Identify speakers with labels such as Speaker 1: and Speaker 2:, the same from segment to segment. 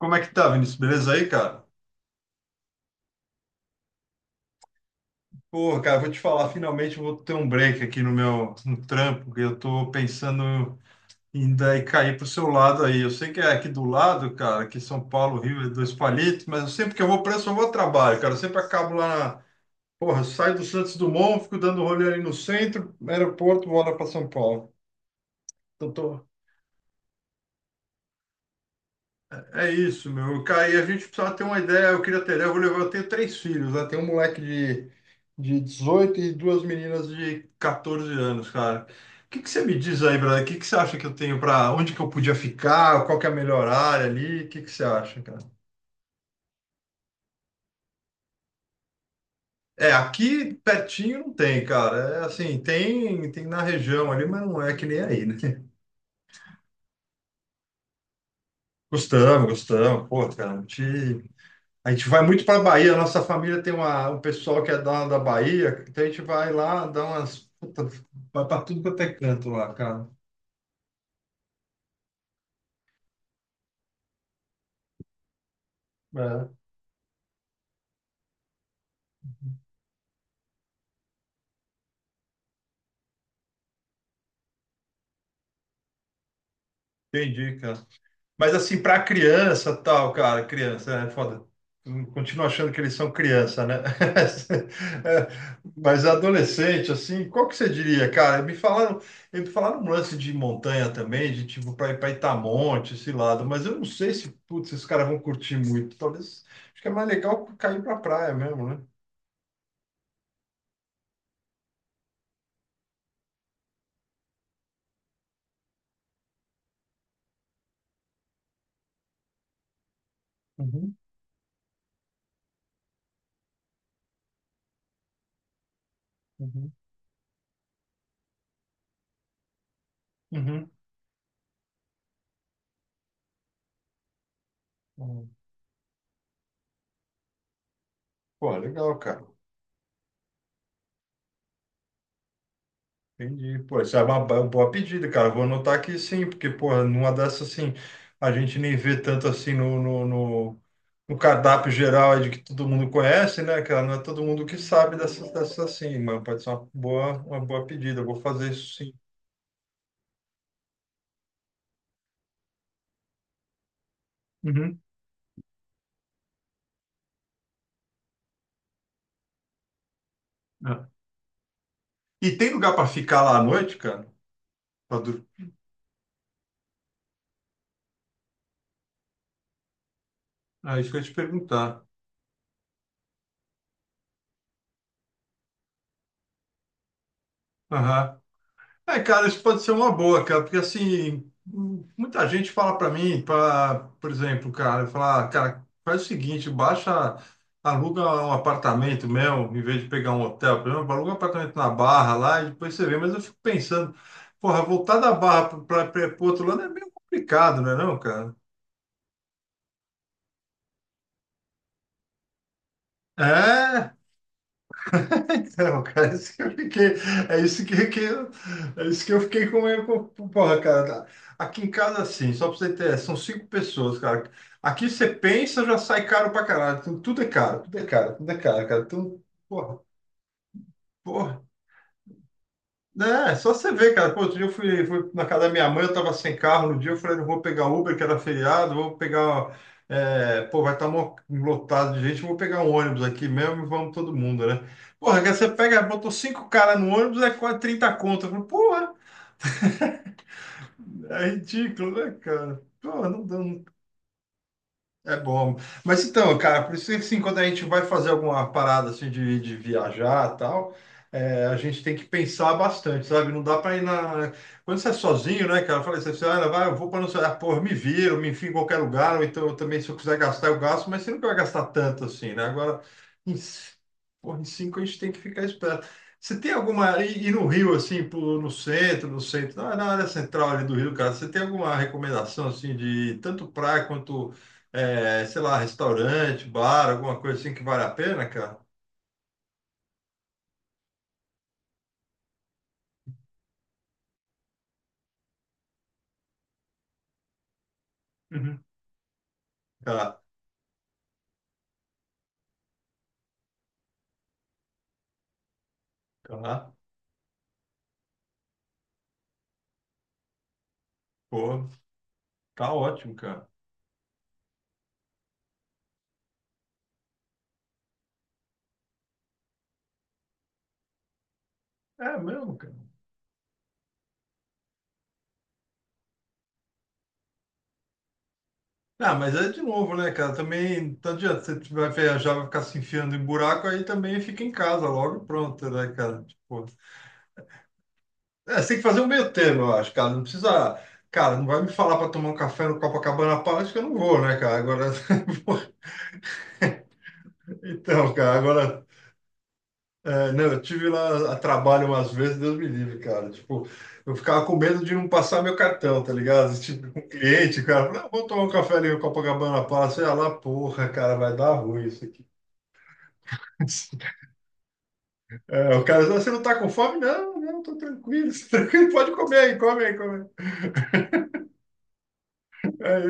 Speaker 1: Como é que tá, Vinícius? Beleza aí, cara? Pô, cara, vou te falar, finalmente eu vou ter um break aqui no trampo, que eu tô pensando em daí cair pro seu lado aí. Eu sei que é aqui do lado, cara, que São Paulo, Rio, é dois palitos, mas eu sempre que eu vou pra isso, eu vou ao trabalho, cara. Eu sempre acabo lá na... Porra, eu saio do Santos Dumont, fico dando rolê ali no centro, aeroporto, vou lá pra São Paulo. Então tô. É isso, meu. Cara, e a gente precisava ter uma ideia. Eu queria ter ideia. Eu vou levar. Eu tenho três filhos, né? Tem um moleque de, 18 e duas meninas de 14 anos, cara. O que que você me diz aí, brother? O que que você acha que eu tenho, para onde que eu podia ficar? Qual que é a melhor área ali? O que que você acha, cara? É, aqui pertinho não tem, cara. É assim, tem na região ali, mas não é que nem aí, né? Gostamos, gostamos. Pô, cara, a gente vai muito para a Bahia, nossa família tem um pessoal que é da Bahia, então a gente vai lá, dá umas. Puta, vai para tudo quanto é canto lá, cara. É, entendi, cara. Mas assim, pra criança, tal, cara, criança, é foda. Continuo achando que eles são criança, né? É. Mas adolescente, assim, qual que você diria, cara? Me falaram um lance de montanha também, de tipo para ir para Itamonte, esse lado, mas eu não sei se, putz, esses caras vão curtir muito. Talvez, acho que é mais legal cair pra praia mesmo, né? Uhum, uhum. Uhum. Uhum. Pô, legal, cara. Entendi. Pô, isso é uma boa pedida, cara. Vou anotar aqui sim, porque, porra, numa dessas, assim, a gente nem vê tanto assim no cardápio geral aí de que todo mundo conhece, né, cara? Não é todo mundo que sabe dessas assim, mas pode ser uma boa pedida. Eu vou fazer isso sim. Uhum. É. E tem lugar para ficar lá à noite, cara? Pra dur- Ah, isso que eu ia te perguntar. Aham. É, cara, isso pode ser uma boa, cara, porque assim, muita gente fala para mim, pra, por exemplo, cara, falar, cara, faz o seguinte, baixa, aluga um apartamento mesmo, em vez de pegar um hotel, por exemplo, aluga um apartamento na Barra lá e depois você vê, mas eu fico pensando, porra, voltar da Barra para o outro lado é meio complicado, não é não, cara? É. Não, cara, é isso que eu fiquei, é isso que, que- é isso que eu fiquei com meio, porra, cara, tá. Aqui em casa, assim, só pra você ter, são cinco pessoas, cara, aqui você pensa, já sai caro pra caralho, tudo, tudo é caro, tudo é caro, tudo é caro, cara, então, porra, porra. Né. É, só você ver, cara. Pô, outro dia eu fui na casa da minha mãe, eu tava sem carro no dia, eu falei, não vou pegar Uber, que era feriado, vou pegar. É, pô, vai estar lotado de gente, vou pegar um ônibus aqui mesmo e vamos todo mundo, né? Porra, que você pega, botou cinco caras no ônibus, é quase 30 conto. Eu falei, porra, é ridículo, né, cara? Porra, não, não. É bom. Mas então, cara, por isso que assim, quando a gente vai fazer alguma parada assim de viajar e tal, é, a gente tem que pensar bastante, sabe? Não dá para ir na. Quando você é sozinho, né, cara? Eu falei assim, ah, vai, eu vou para não sei, ah, pô, eu me viro, me enfio em qualquer lugar, ou então eu também, se eu quiser gastar, eu gasto, mas você nunca vai gastar tanto assim, né? Agora, em, c- pô, em cinco a gente tem que ficar esperto. Você tem alguma. E no Rio, assim, no centro, na área central ali do Rio, cara, você tem alguma recomendação assim de tanto praia quanto é, sei lá, restaurante, bar, alguma coisa assim que vale a pena, cara? Uhum. Tá, tá, pô, tá ótimo, cara. É mesmo, cara. Ah, mas é de novo, né, cara? Também, não adianta, você vai viajar, vai ficar se enfiando em buraco, aí também fica em casa logo e pronto, né, cara? Tipo, é, você tem que fazer um meio termo, eu acho, cara. Não precisa, cara, não vai me falar para tomar um café no Copacabana Palace que eu não vou, né, cara? Agora. Então, cara, agora. É, não, eu tive lá a trabalho umas vezes, Deus me livre, cara. Tipo, eu ficava com medo de não passar meu cartão, tá ligado? Tipo, com cliente, o cara, não, vou tomar um café ali no Copacabana Palace, sei lá, porra, cara, vai dar ruim isso aqui. É, o cara, "Ah, você não tá com fome? Não, não, tô tranquilo, tranquilo, pode comer aí, come aí, come aí. É,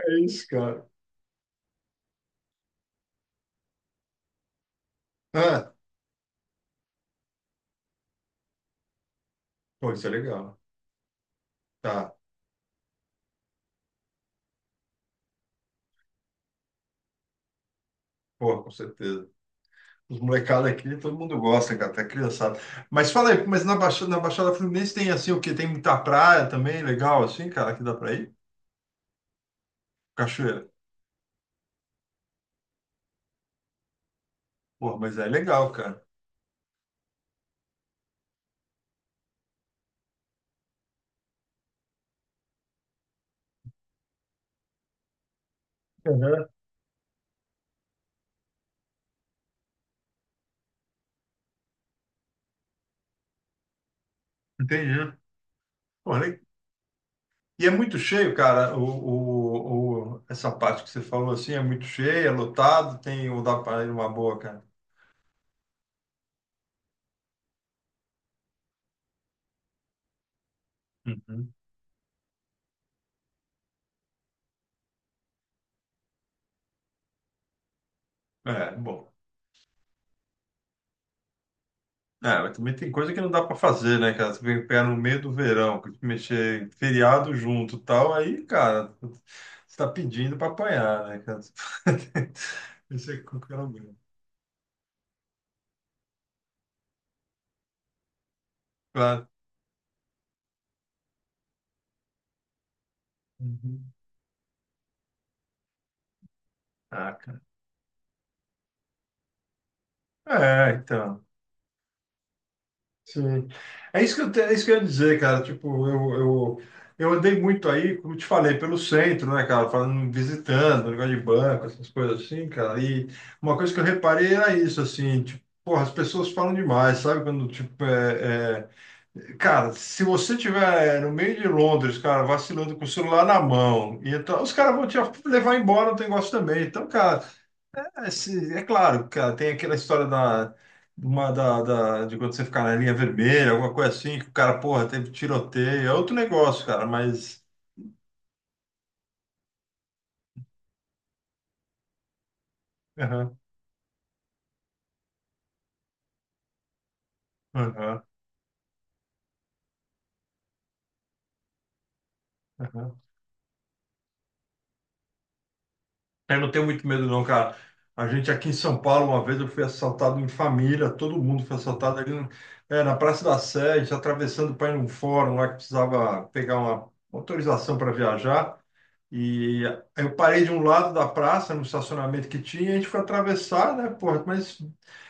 Speaker 1: é isso, cara. Ah, pô, isso é legal. Tá, pô, com certeza. Os molecados aqui, todo mundo gosta, cara, até criançada. Mas fala aí, mas na Baixada Fluminense tem assim o quê? Tem muita praia também, legal, assim, cara, que dá pra ir? Cachoeira. Porra, mas é legal, cara. Uhum. Entendi. Porra, e é muito cheio, cara, essa parte que você falou assim, é muito cheia, é lotado, tem, ou dá pra ir uma boa, cara. Uhum. É, bom. É, mas também tem coisa que não dá pra fazer, né, cara? Você vem pegar no meio do verão, que mexer em feriado junto e tal, aí, cara, você tá pedindo pra apanhar, né, cara? Isso é qualquer lugar. Claro. Uhum. Ah, cara. É, então. Sim. É isso que eu, é isso que eu ia dizer, cara. Tipo, eu andei muito aí, como eu te falei, pelo centro, né, cara? Falando, visitando, negócio de banco, essas coisas assim, cara. E uma coisa que eu reparei era isso, assim, tipo, porra, as pessoas falam demais, sabe? Quando, tipo, cara, se você tiver no meio de Londres, cara, vacilando com o celular na mão, e então, os caras vão te levar embora o negócio também. Então, cara. É, é claro, cara, tem aquela história da, uma, da, da- de quando você ficar na linha vermelha, alguma coisa assim, que o cara, porra, teve tiroteio, é outro negócio, cara, mas. Aham, aham, aham. Eu não tenho muito medo, não, cara. A gente aqui em São Paulo, uma vez eu fui assaltado em família, todo mundo foi assaltado ali é, na Praça da Sé, a gente atravessando para ir num fórum lá que precisava pegar uma autorização para viajar. E eu parei de um lado da praça, no estacionamento que tinha, e a gente foi atravessar, né, porra, mas,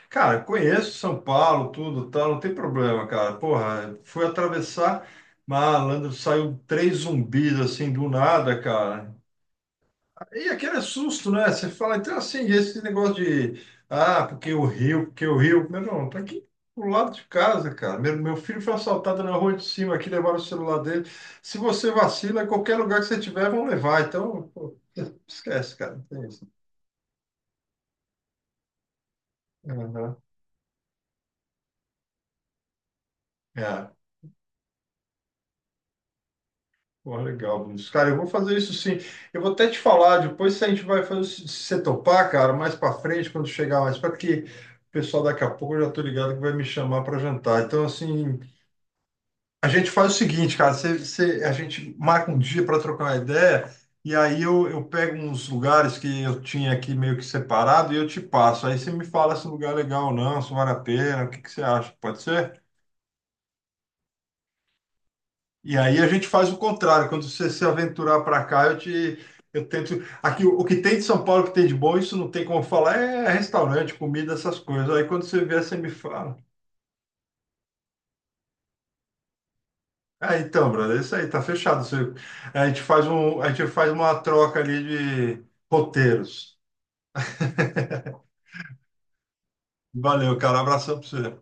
Speaker 1: cara, conheço São Paulo, tudo, tal, não tem problema, cara, porra, fui atravessar, malandro, saiu três zumbis, assim, do nada, cara, e aquele é susto, né? Você fala, então assim, esse negócio de ah, porque o Rio, meu irmão, tá aqui do lado de casa, cara. Meu filho foi assaltado na rua de cima aqui, levaram o celular dele. Se você vacila, qualquer lugar que você tiver, vão levar. Então, pô, esquece, cara. Não tem isso. Aham. É. Pô, legal, Vinícius. Cara, eu vou fazer isso sim. Eu vou até te falar, depois se a gente vai fazer, se você topar, cara, mais pra frente, quando chegar mais, para que o pessoal daqui a pouco eu já tô ligado que vai me chamar para jantar. Então, assim, a gente faz o seguinte, cara, a gente marca um dia para trocar uma ideia, e aí eu pego uns lugares que eu tinha aqui meio que separado e eu te passo. Aí você me fala se o lugar é legal ou não, se vale a pena, o que que você acha, pode ser? E aí a gente faz o contrário, quando você se aventurar para cá, eu te. Eu tento. Aqui, o que tem de São Paulo, o que tem de bom, isso não tem como falar, é restaurante, comida, essas coisas. Aí quando você vier, você me fala. Ah, então, brother, é isso aí, tá fechado. Você- a gente faz uma troca ali de roteiros. Valeu, cara. Abração pra você.